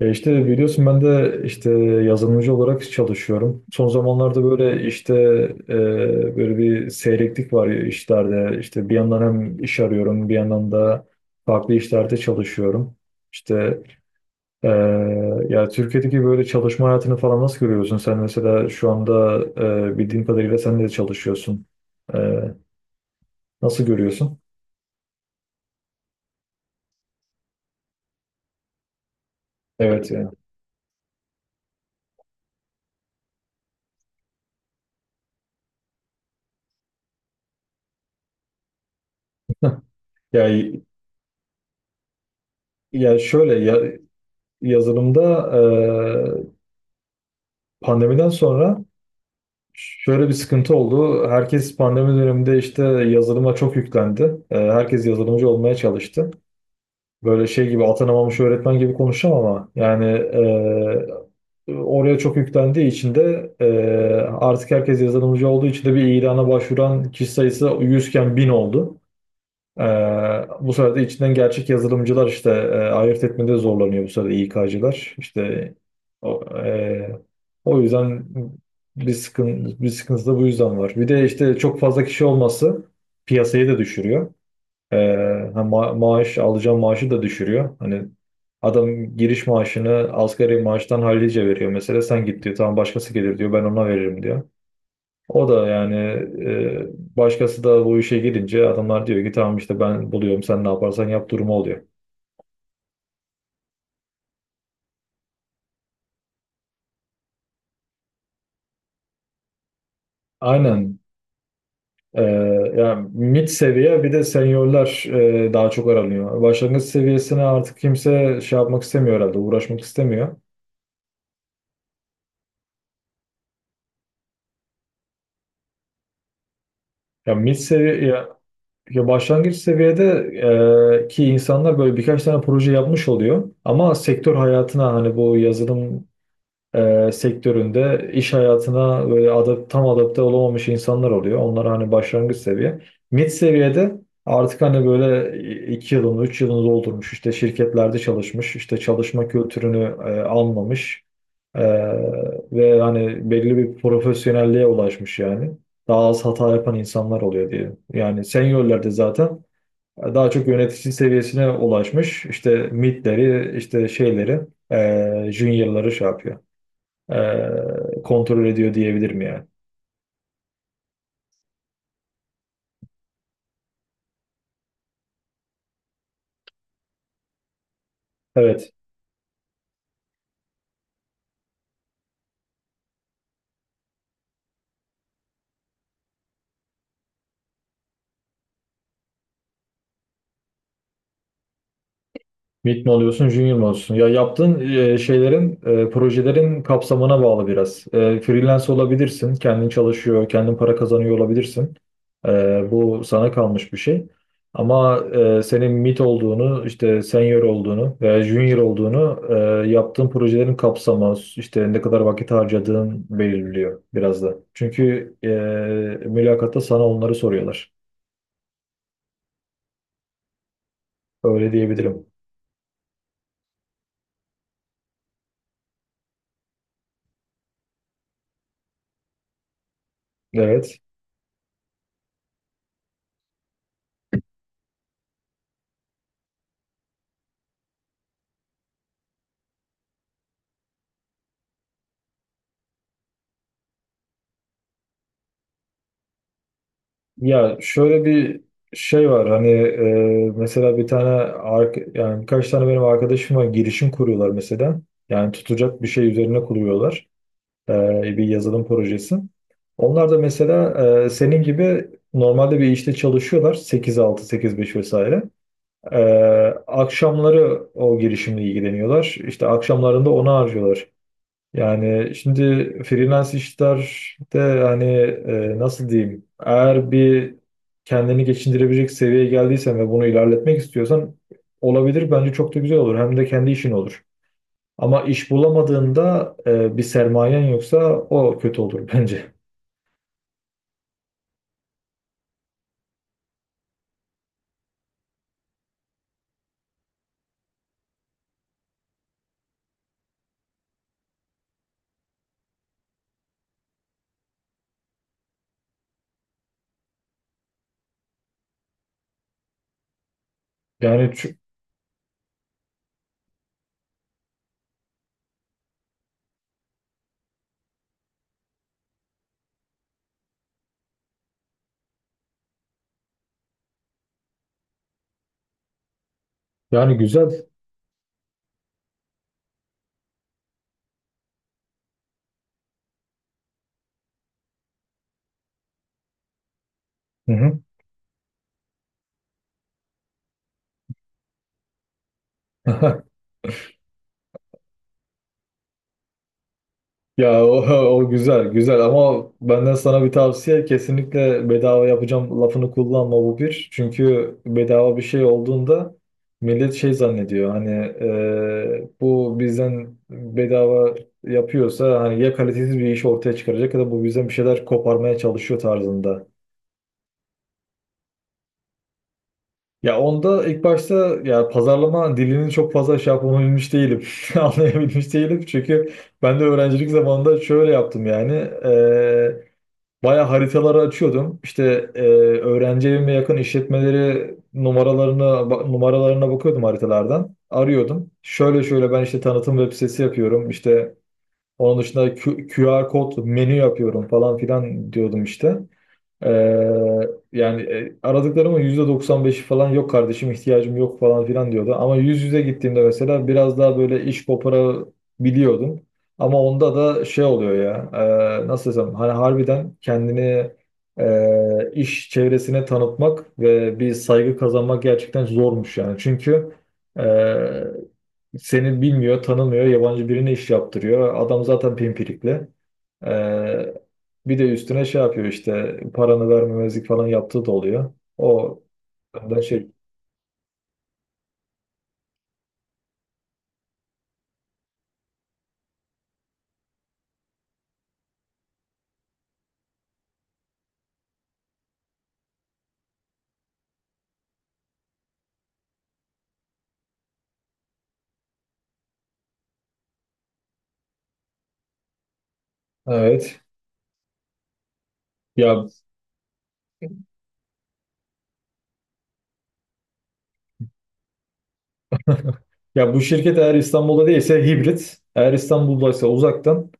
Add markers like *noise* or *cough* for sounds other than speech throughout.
Ya işte biliyorsun ben de işte yazılımcı olarak çalışıyorum. Son zamanlarda böyle işte böyle bir seyreklik var ya işlerde. İşte bir yandan hem iş arıyorum, bir yandan da farklı işlerde çalışıyorum. İşte e, Ya Türkiye'deki böyle çalışma hayatını falan nasıl görüyorsun? Sen mesela şu anda bildiğim kadarıyla sen de çalışıyorsun. E, Nasıl görüyorsun? Evet yani. Ya, ya şöyle ya, Yazılımda e, pandemiden sonra şöyle bir sıkıntı oldu. Herkes pandemi döneminde işte yazılıma çok yüklendi. Herkes yazılımcı olmaya çalıştı. Böyle şey gibi atanamamış öğretmen gibi konuşacağım ama yani oraya çok yüklendiği için de artık herkes yazılımcı olduğu için de bir ilana başvuran kişi sayısı 100 iken 1000 oldu. Ee, Bu sefer içinden gerçek yazılımcılar işte ayırt etmede zorlanıyor bu sefer de İK'cılar. İşte o, e, o yüzden bir sıkıntı, bir sıkıntı da bu yüzden var. Bir de işte çok fazla kişi olması piyasayı da düşürüyor. Ee, maaş alacağım maaşı da düşürüyor. Hani adam giriş maaşını asgari maaştan hallice veriyor mesela. Sen git diyor tamam başkası gelir diyor ben ona veririm diyor. O da yani başkası da bu işe girince adamlar diyor ki tamam işte ben buluyorum sen ne yaparsan yap durumu oluyor. Aynen. E, Yani mid seviye bir de seniorlar daha çok aranıyor. Başlangıç seviyesine artık kimse şey yapmak istemiyor herhalde uğraşmak istemiyor. Ya mid seviye ya, ya başlangıç seviyede ki insanlar böyle birkaç tane proje yapmış oluyor. Ama sektör hayatına hani bu yazılım sektöründe iş hayatına böyle tam adapte olamamış insanlar oluyor. Onlar hani başlangıç seviye. Mid seviyede artık hani böyle iki yılını, üç yılını doldurmuş, işte şirketlerde çalışmış, işte çalışma kültürünü anlamış e, ve hani belli bir profesyonelliğe ulaşmış yani. Daha az hata yapan insanlar oluyor diyelim. Yani seniorlerde zaten daha çok yönetici seviyesine ulaşmış. İşte midleri, işte şeyleri, juniorları şey yapıyor kontrol ediyor diyebilirim yani. Evet. Mid mi oluyorsun, junior mu oluyorsun? Ya yaptığın şeylerin, projelerin kapsamına bağlı biraz. E, freelance olabilirsin, kendin çalışıyor, kendin para kazanıyor olabilirsin. E, bu sana kalmış bir şey. Ama senin mid olduğunu, işte senior olduğunu veya junior olduğunu yaptığın projelerin kapsamı, işte ne kadar vakit harcadığın belirliyor biraz da. Çünkü mülakatta sana onları soruyorlar. Öyle diyebilirim. Evet. Ya şöyle bir şey var hani mesela bir tane yani birkaç tane benim arkadaşım var girişim kuruyorlar mesela. Yani tutacak bir şey üzerine kuruyorlar. E, Bir yazılım projesi. Onlar da mesela senin gibi normalde bir işte çalışıyorlar 8-6 8-5 vesaire. E, Akşamları o girişimle ilgileniyorlar. İşte akşamlarında onu harcıyorlar. Yani şimdi freelance işlerde hani nasıl diyeyim eğer bir kendini geçindirebilecek seviyeye geldiysen ve bunu ilerletmek istiyorsan olabilir bence çok da güzel olur hem de kendi işin olur. Ama iş bulamadığında bir sermayen yoksa o kötü olur *laughs* bence. Yani çü- Yani güzel. Hı hı. *laughs* Ya o, *laughs* o güzel güzel ama benden sana bir tavsiye kesinlikle bedava yapacağım lafını kullanma bu bir. Çünkü bedava bir şey olduğunda millet şey zannediyor hani bu bizden bedava yapıyorsa hani ya kalitesiz bir iş ortaya çıkaracak ya da bu bizden bir şeyler koparmaya çalışıyor tarzında. Ya onda ilk başta ya pazarlama dilini çok fazla şey yapabilmiş değilim. *laughs* Anlayabilmiş değilim çünkü ben de öğrencilik zamanında şöyle yaptım yani. Baya haritaları açıyordum. İşte e, öğrenci evime yakın işletmeleri numaralarına bakıyordum haritalardan. Arıyordum. Şöyle şöyle ben işte tanıtım web sitesi yapıyorum. İşte onun dışında QR kod menü yapıyorum falan filan diyordum işte. Ee, Yani aradıklarımın %95'i falan yok kardeşim ihtiyacım yok falan filan diyordu. Ama yüz yüze gittiğimde mesela biraz daha böyle iş koparabiliyordum. Ama onda da şey oluyor ya nasıl desem hani harbiden kendini iş çevresine tanıtmak ve bir saygı kazanmak gerçekten zormuş yani. Çünkü e, seni bilmiyor, tanımıyor, yabancı birine iş yaptırıyor. Adam zaten pimpirikli. Ee, Bir de üstüne şey yapıyor işte paranı vermemezlik falan yaptığı da oluyor. O da şey. Evet. Ya ya bu şirket eğer İstanbul'da değilse hibrit. Eğer İstanbul'daysa uzaktan.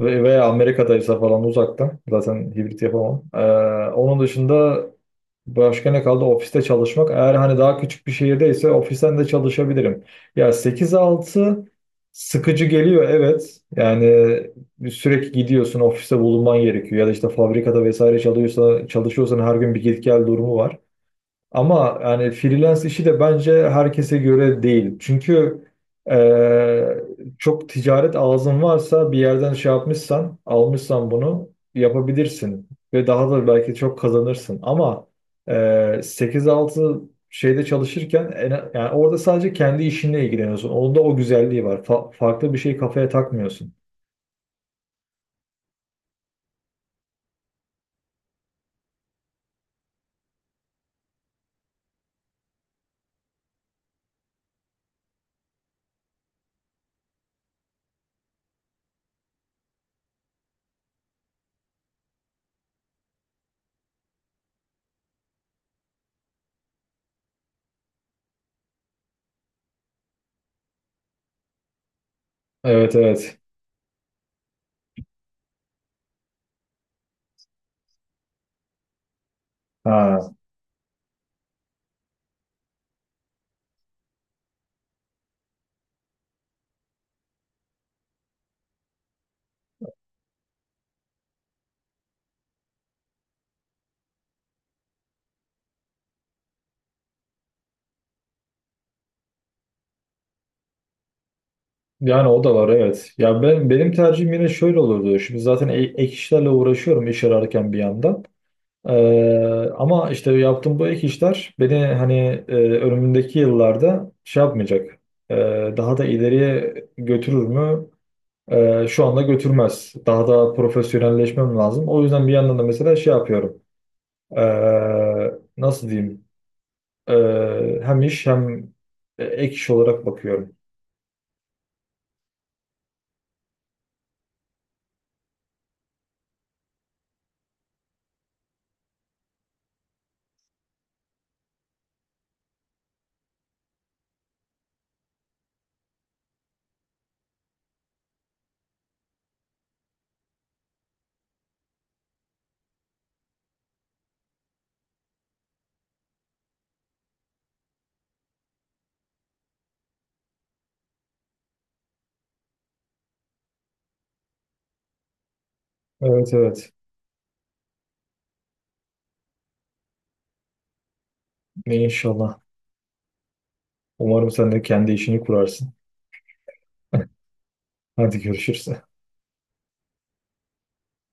Veya Amerika'daysa falan uzaktan. Zaten hibrit yapamam. Onun dışında başka ne kaldı? Ofiste çalışmak. Eğer hani daha küçük bir şehirdeyse ofisten de çalışabilirim. Ya sekiz altı sıkıcı geliyor evet. Yani sürekli gidiyorsun ofiste bulunman gerekiyor. Ya da işte fabrikada vesaire çalışıyorsa, çalışıyorsan her gün bir git gel durumu var. Ama yani freelance işi de bence herkese göre değil. Çünkü e, çok ticaret ağzın varsa bir yerden şey yapmışsan, almışsan bunu yapabilirsin. Ve daha da belki çok kazanırsın. Ama e, 8-6 şeyde çalışırken yani orada sadece kendi işinle ilgileniyorsun. Onda o güzelliği var. Farklı bir şey kafaya takmıyorsun. Evet evet. Ha. Yani o da var evet. Ya ben benim tercihim yine şöyle olurdu. Şimdi zaten ek işlerle uğraşıyorum iş ararken bir yandan. Ama işte yaptığım bu ek işler beni hani önümündeki yıllarda şey yapmayacak. Ee, Daha da ileriye götürür mü? Şu anda götürmez. Daha da profesyonelleşmem lazım. O yüzden bir yandan da mesela şey yapıyorum. Ee, Nasıl diyeyim? Hem iş hem ek iş olarak bakıyorum. Evet evet. İnşallah. Umarım sen de kendi işini kurarsın. Hadi görüşürüz.